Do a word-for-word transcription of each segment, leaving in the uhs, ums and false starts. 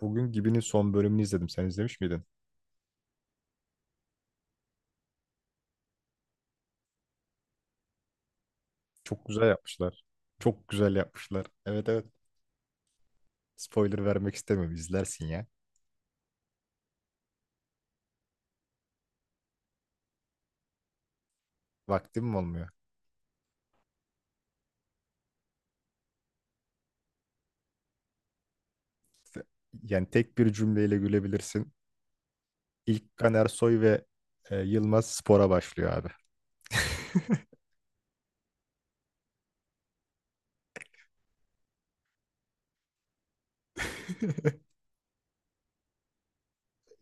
Bugün Gibi'nin son bölümünü izledim. Sen izlemiş miydin? Çok güzel yapmışlar. Çok güzel yapmışlar. Evet, evet. Spoiler vermek istemiyorum. İzlersin ya. Vaktim mi olmuyor? Yani tek bir cümleyle gülebilirsin. İlk Kan Ersoy ve e, Yılmaz spora başlıyor abi.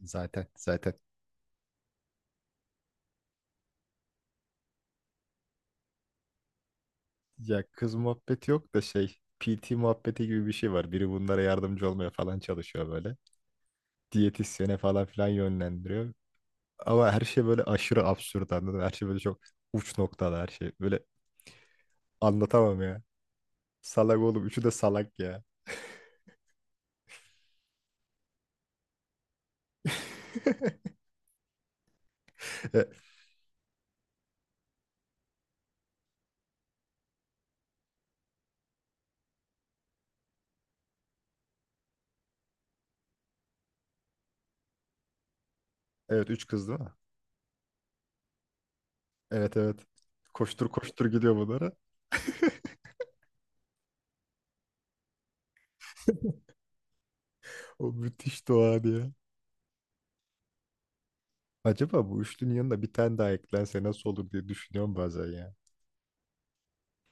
Zaten zaten. Ya kız muhabbeti yok da şey P T muhabbeti gibi bir şey var. Biri bunlara yardımcı olmaya falan çalışıyor böyle. Diyetisyene falan filan yönlendiriyor. Ama her şey böyle aşırı absürt, anladın mı? Her şey böyle çok uç noktada her şey. Böyle anlatamam ya. Salak oğlum. Üçü de salak ya. E, evet, üç kız değil mi? Evet, evet. Koştur koştur gidiyor bunlara. O müthiş doğa ya. Acaba bu üçlünün yanında bir tane daha eklense nasıl olur diye düşünüyorum bazen ya.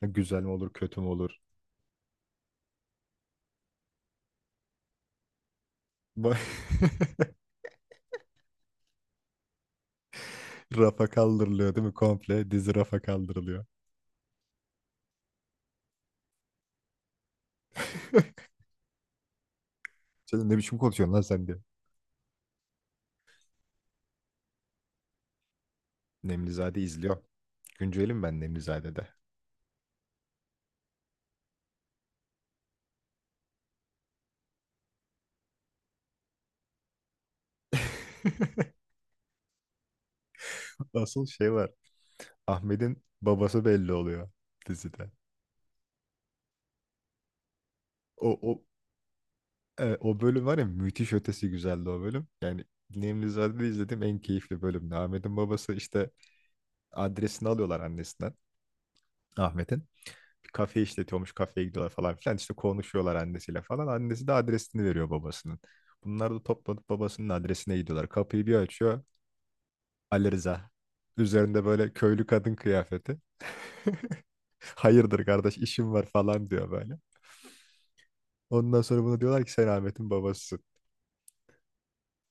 Ha, güzel mi olur kötü mü olur? Ba- Rafa kaldırılıyor değil mi? Komple dizi rafa kaldırılıyor. Sen ne biçim konuşuyorsun lan sen diye. Nemlizade izliyor. Güncelim ben Nemlizade'de. Asıl şey var. Ahmet'in babası belli oluyor dizide. O o e, o bölüm var ya, müthiş ötesi güzeldi o bölüm. Yani Nemlizade'de izlediğim en keyifli bölümdü. Ahmet'in babası işte adresini alıyorlar annesinden Ahmet'in. Bir kafe işletiyormuş, kafeye gidiyorlar falan filan. İşte konuşuyorlar annesiyle falan. Annesi de adresini veriyor babasının. Bunlar da toplanıp babasının adresine gidiyorlar. Kapıyı bir açıyor Ali Rıza. Üzerinde böyle köylü kadın kıyafeti. Hayırdır kardeş, işim var falan diyor böyle. Ondan sonra buna diyorlar ki sen Ahmet'in babasısın.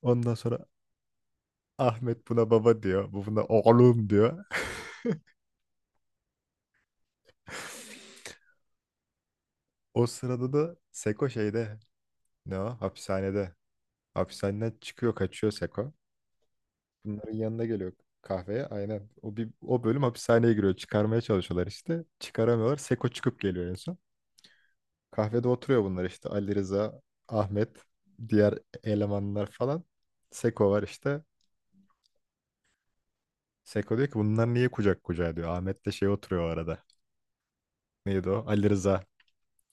Ondan sonra Ahmet buna baba diyor. Bu buna oğlum diyor. O sırada da Seko şeyde, ne o? Hapishanede. Hapishaneden çıkıyor, kaçıyor Seko. Bunların yanına geliyor kahveye, aynen. O, bir, o bölüm hapishaneye giriyor. Çıkarmaya çalışıyorlar işte. Çıkaramıyorlar. Seko çıkıp geliyor en son. Kahvede oturuyor bunlar işte. Ali Rıza, Ahmet, diğer elemanlar falan. Seko var işte. Seko diyor ki bunlar niye kucak kucağa diyor. Ahmet de şey oturuyor o arada. Neydi o? Ali Rıza.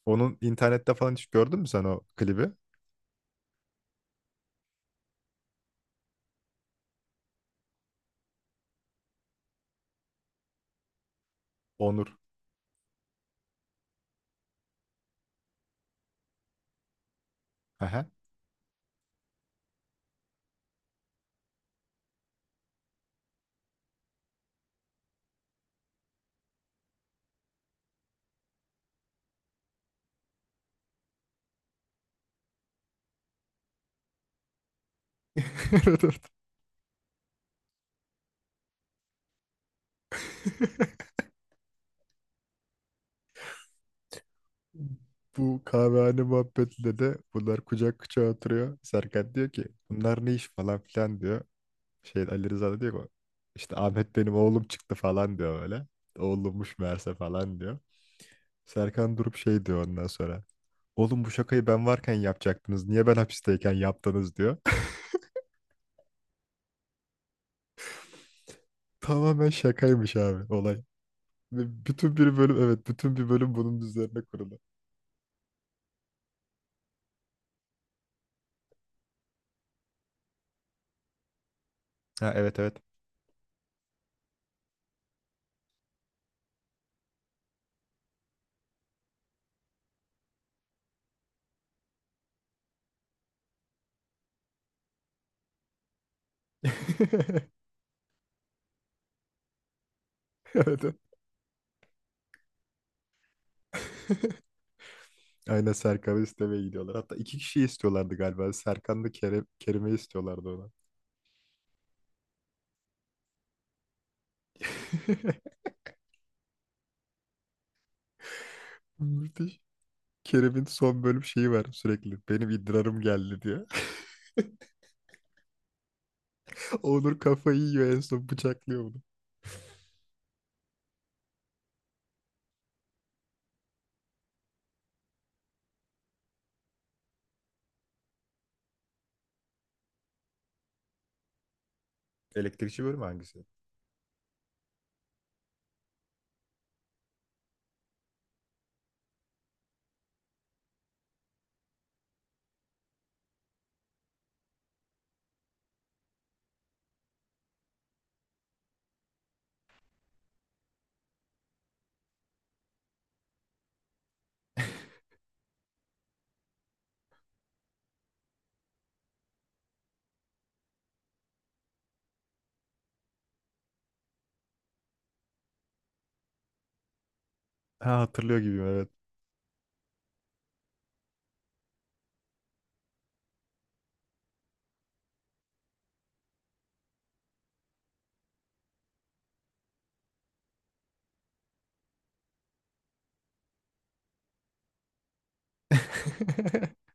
Onun internette falan hiç gördün mü sen o klibi? Onur. Aha. Bu kahvehane muhabbetinde de bunlar kucak kucağa oturuyor. Serkan diyor ki bunlar ne iş falan filan diyor. Şey, Ali Rıza da diyor ki işte Ahmet benim oğlum çıktı falan diyor öyle. Oğlummuş meğerse falan diyor. Serkan durup şey diyor ondan sonra. Oğlum bu şakayı ben varken yapacaktınız. Niye ben hapisteyken yaptınız diyor. Tamamen şakaymış abi olay. Ve bütün bir bölüm, evet bütün bir bölüm bunun üzerine kurulu. Ha, evet evet. Evet, evet. Aynen, Serkan'ı istemeye gidiyorlar. Hatta iki kişiyi istiyorlardı galiba. Serkan'la Kerem, Kerim'i istiyorlardı ona. Müthiş. Kerem'in son bölüm şeyi var sürekli. Benim idrarım geldi diyor. Onur kafayı yiyor, en son bıçaklıyor bunu. Elektrikçi bölümü hangisi? Ha, hatırlıyor gibiyim evet.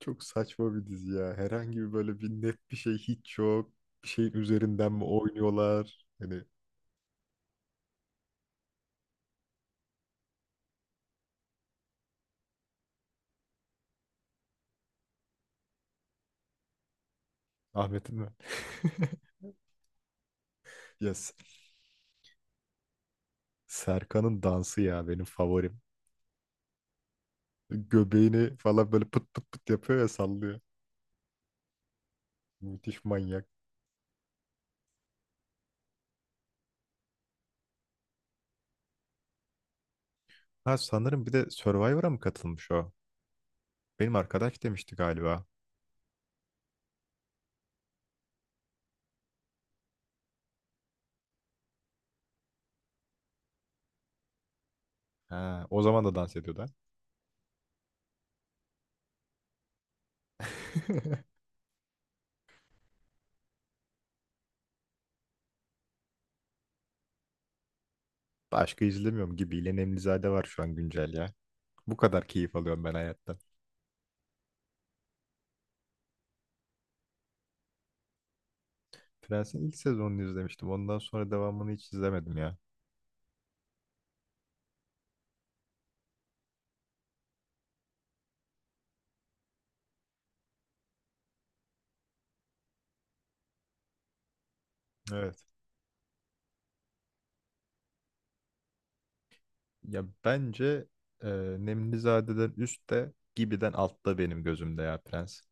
Çok saçma bir dizi ya. Herhangi bir böyle bir net bir şey hiç yok. Bir şeyin üzerinden mi oynuyorlar? Hani Ahmet'in mi? Yes. Serkan'ın dansı ya benim favorim. Göbeğini falan böyle pıt pıt pıt yapıyor ya, sallıyor. Müthiş manyak. Ha sanırım bir de Survivor'a mı katılmış o? Benim arkadaş demişti galiba. Ha, o zaman da dans ediyordu, ha. Başka izlemiyorum gibi. İlen Emlizade var şu an güncel ya. Bu kadar keyif alıyorum ben hayattan. Prens'in ilk sezonunu izlemiştim. Ondan sonra devamını hiç izlemedim ya. Evet. Ya bence e, Nemlizade'den üstte, Gibi'den altta benim gözümde ya Prens.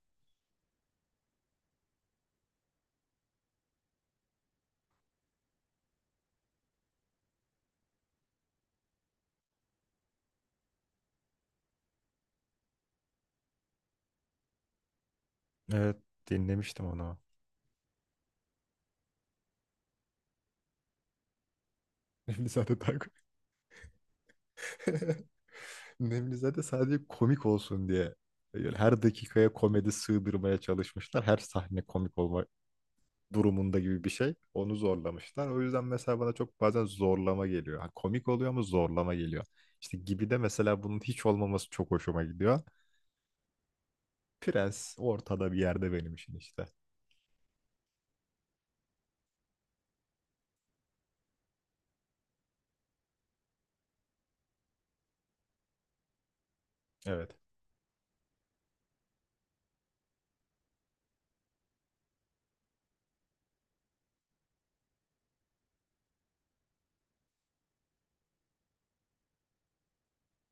Evet, dinlemiştim onu. Nemlizade daha ko- Nemlizade sadece komik olsun diye. Yani her dakikaya komedi sığdırmaya çalışmışlar. Her sahne komik olma durumunda gibi bir şey. Onu zorlamışlar. O yüzden mesela bana çok bazen zorlama geliyor. Ha, komik oluyor ama zorlama geliyor. İşte Gibi'de mesela bunun hiç olmaması çok hoşuma gidiyor. Prens ortada bir yerde benim için işte. Evet.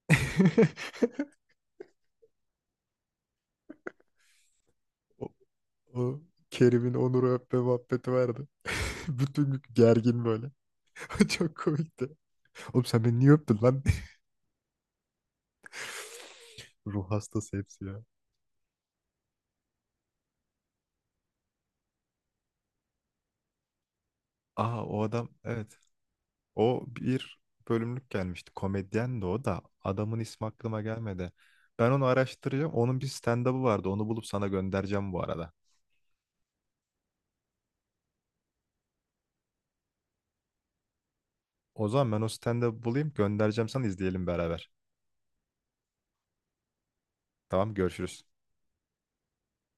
O, o Kerim'in Onur'u öpme muhabbeti vardı. Bütün gün gergin böyle. Çok komikti. Oğlum sen beni niye öptün lan? Ruh hastası hepsi ya. Aa, o adam evet. O bir bölümlük gelmişti. Komedyen de o da. Adamın ismi aklıma gelmedi. Ben onu araştıracağım. Onun bir stand-up'ı vardı. Onu bulup sana göndereceğim bu arada. O zaman ben o stand-up'ı bulayım, göndereceğim sana, izleyelim beraber. Tamam, görüşürüz.